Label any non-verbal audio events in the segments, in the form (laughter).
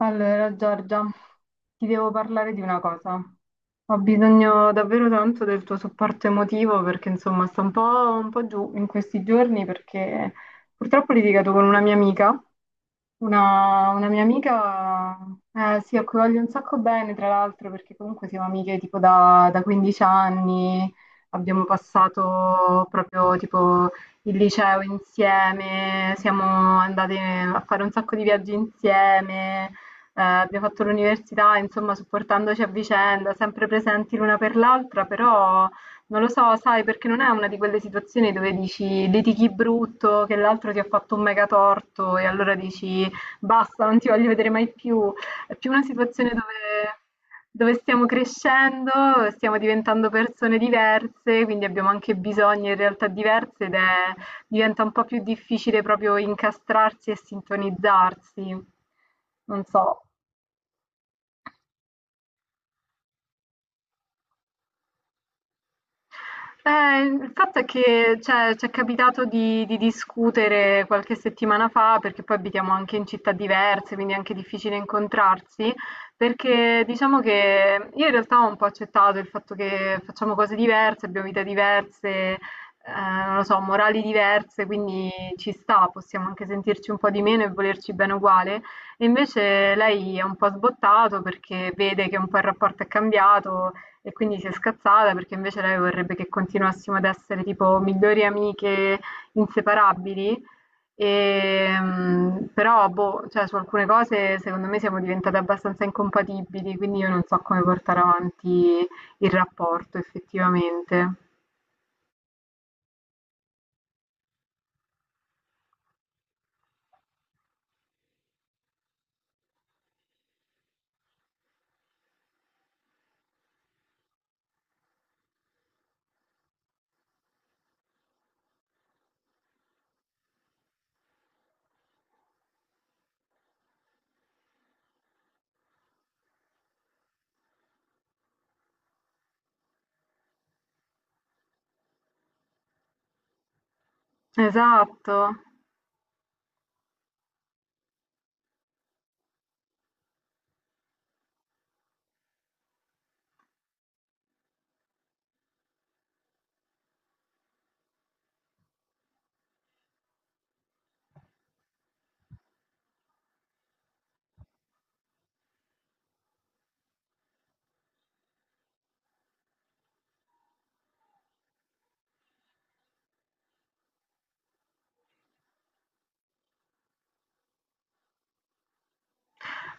Allora, Giorgia, ti devo parlare di una cosa. Ho bisogno davvero tanto del tuo supporto emotivo perché, insomma, sto un po' giù in questi giorni perché purtroppo ho litigato con una mia amica, sì, a cui voglio un sacco bene, tra l'altro, perché comunque siamo amiche tipo da 15 anni, abbiamo passato proprio tipo il liceo insieme, siamo andate a fare un sacco di viaggi insieme, abbiamo fatto l'università, insomma, supportandoci a vicenda, sempre presenti l'una per l'altra, però non lo so, sai, perché non è una di quelle situazioni dove dici litighi brutto, che l'altro ti ha fatto un mega torto e allora dici basta, non ti voglio vedere mai più. È più una situazione dove stiamo crescendo, stiamo diventando persone diverse, quindi abbiamo anche bisogni e realtà diverse. Diventa un po' più difficile proprio incastrarsi e sintonizzarsi. Non so. Il fatto è che cioè, ci è capitato di discutere qualche settimana fa, perché poi abitiamo anche in città diverse, quindi è anche difficile incontrarsi, perché diciamo che io in realtà ho un po' accettato il fatto che facciamo cose diverse, abbiamo vite diverse, eh, non lo so, morali diverse, quindi ci sta, possiamo anche sentirci un po' di meno e volerci bene uguale. E invece lei è un po' sbottato perché vede che un po' il rapporto è cambiato, e quindi si è scazzata perché invece lei vorrebbe che continuassimo ad essere tipo migliori amiche inseparabili. Però, boh, cioè, su alcune cose secondo me siamo diventate abbastanza incompatibili, quindi io non so come portare avanti il rapporto effettivamente. Esatto.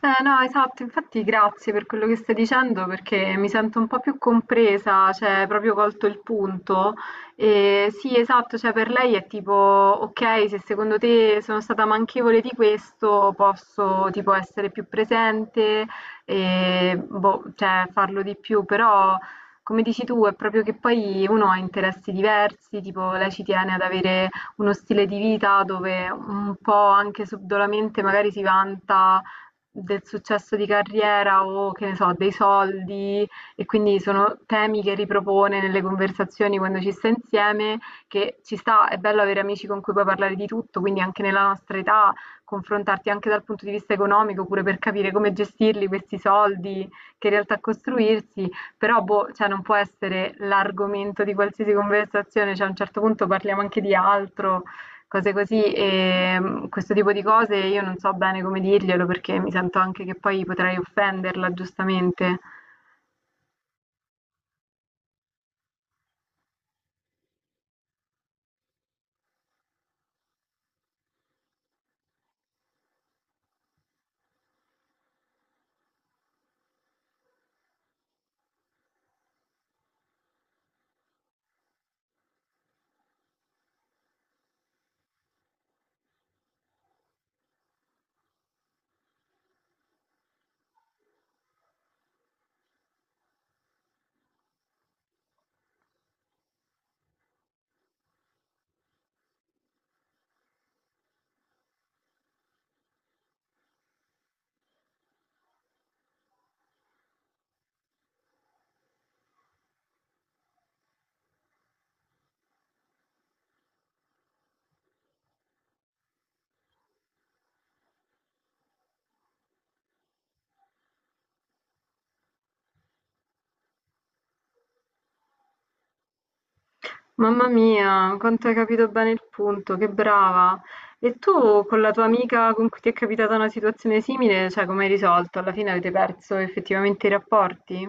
No, esatto, infatti grazie per quello che stai dicendo perché mi sento un po' più compresa, cioè proprio colto il punto. E sì, esatto, cioè per lei è tipo, ok, se secondo te sono stata manchevole di questo, posso tipo essere più presente e boh, cioè, farlo di più, però come dici tu è proprio che poi uno ha interessi diversi, tipo lei ci tiene ad avere uno stile di vita dove un po' anche subdolamente magari si vanta del successo di carriera o che ne so, dei soldi e quindi sono temi che ripropone nelle conversazioni quando ci sta insieme, che ci sta, è bello avere amici con cui puoi parlare di tutto, quindi anche nella nostra età confrontarti anche dal punto di vista economico, pure per capire come gestirli questi soldi, che in realtà costruirsi, però boh, cioè non può essere l'argomento di qualsiasi conversazione, cioè a un certo punto parliamo anche di altro cose così. E questo tipo di cose io non so bene come dirglielo, perché mi sento anche che poi potrei offenderla, giustamente. Mamma mia, quanto hai capito bene il punto, che brava. E tu con la tua amica con cui ti è capitata una situazione simile, cioè come hai risolto? Alla fine avete perso effettivamente i rapporti?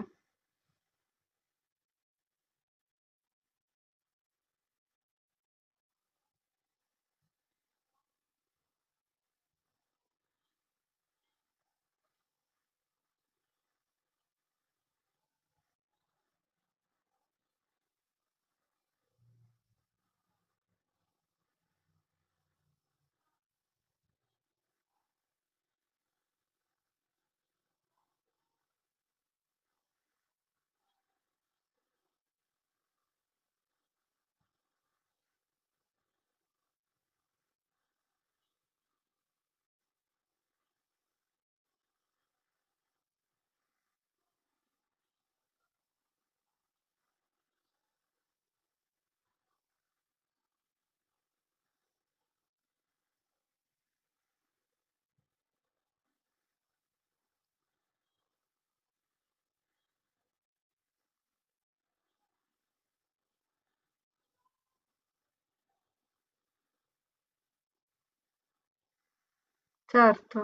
Certo.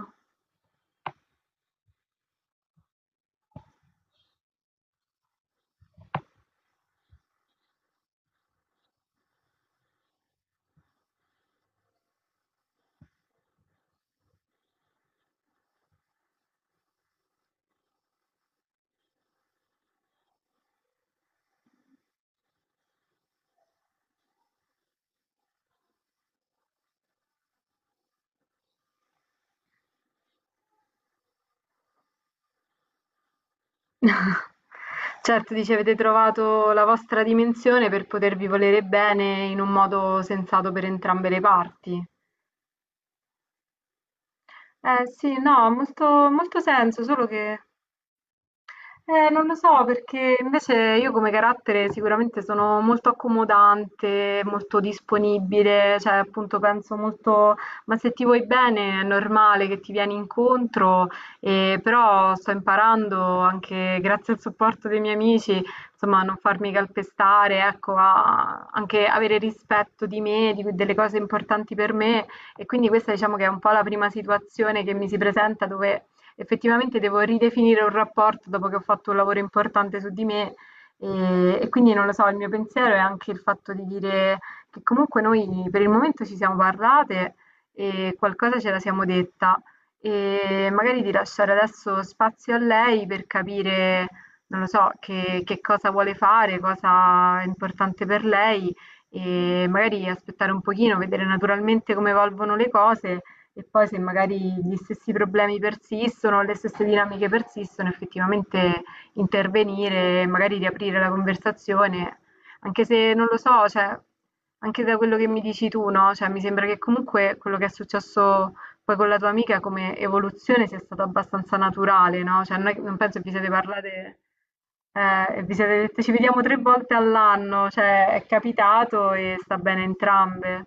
(laughs) Certo, dici avete trovato la vostra dimensione per potervi volere bene in un modo sensato per entrambe le parti. Eh sì, no, ha molto, molto senso, solo che non lo so, perché invece io come carattere sicuramente sono molto accomodante, molto disponibile, cioè appunto penso molto, ma se ti vuoi bene è normale che ti vieni incontro, e però sto imparando anche grazie al supporto dei miei amici, insomma, a non farmi calpestare, ecco, a anche avere rispetto di me, delle cose importanti per me e quindi questa diciamo che è un po' la prima situazione che mi si presenta dove effettivamente devo ridefinire un rapporto dopo che ho fatto un lavoro importante su di me e quindi non lo so, il mio pensiero è anche il fatto di dire che comunque noi per il momento ci siamo parlate e qualcosa ce la siamo detta e magari di lasciare adesso spazio a lei per capire, non lo so, che cosa vuole fare, cosa è importante per lei e magari aspettare un pochino, vedere naturalmente come evolvono le cose e poi se magari gli stessi problemi persistono, le stesse dinamiche persistono, effettivamente intervenire, magari riaprire la conversazione, anche se non lo so, cioè, anche da quello che mi dici tu, no? Cioè, mi sembra che comunque quello che è successo poi con la tua amica come evoluzione sia stato abbastanza naturale, no? Cioè, non, non penso che vi siete parlate e vi siete dette ci vediamo tre volte all'anno, cioè, è capitato e sta bene entrambe.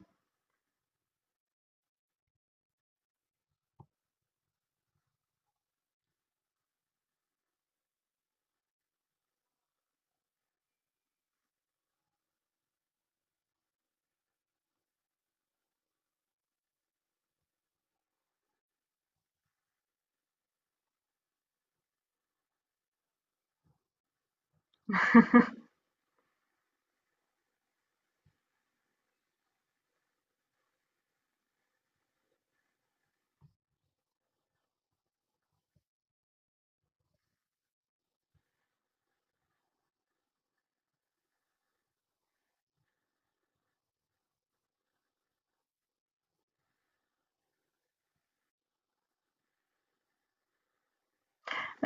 (laughs)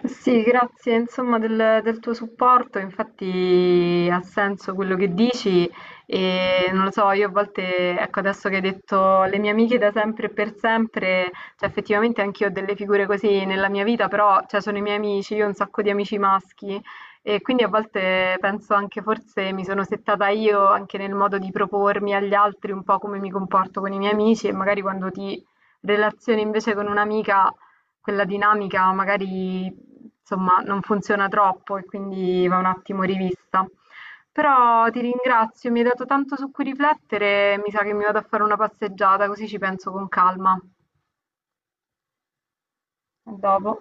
Sì, grazie insomma del tuo supporto, infatti ha senso quello che dici e non lo so, io a volte, ecco adesso che hai detto le mie amiche da sempre e per sempre, cioè effettivamente anch'io ho delle figure così nella mia vita, però cioè, sono i miei amici, io ho un sacco di amici maschi e quindi a volte penso anche forse mi sono settata io anche nel modo di propormi agli altri un po' come mi comporto con i miei amici e magari quando ti relazioni invece con un'amica quella dinamica magari insomma, non funziona troppo e quindi va un attimo rivista. Però ti ringrazio, mi hai dato tanto su cui riflettere, mi sa che mi vado a fare una passeggiata, così ci penso con calma. A dopo.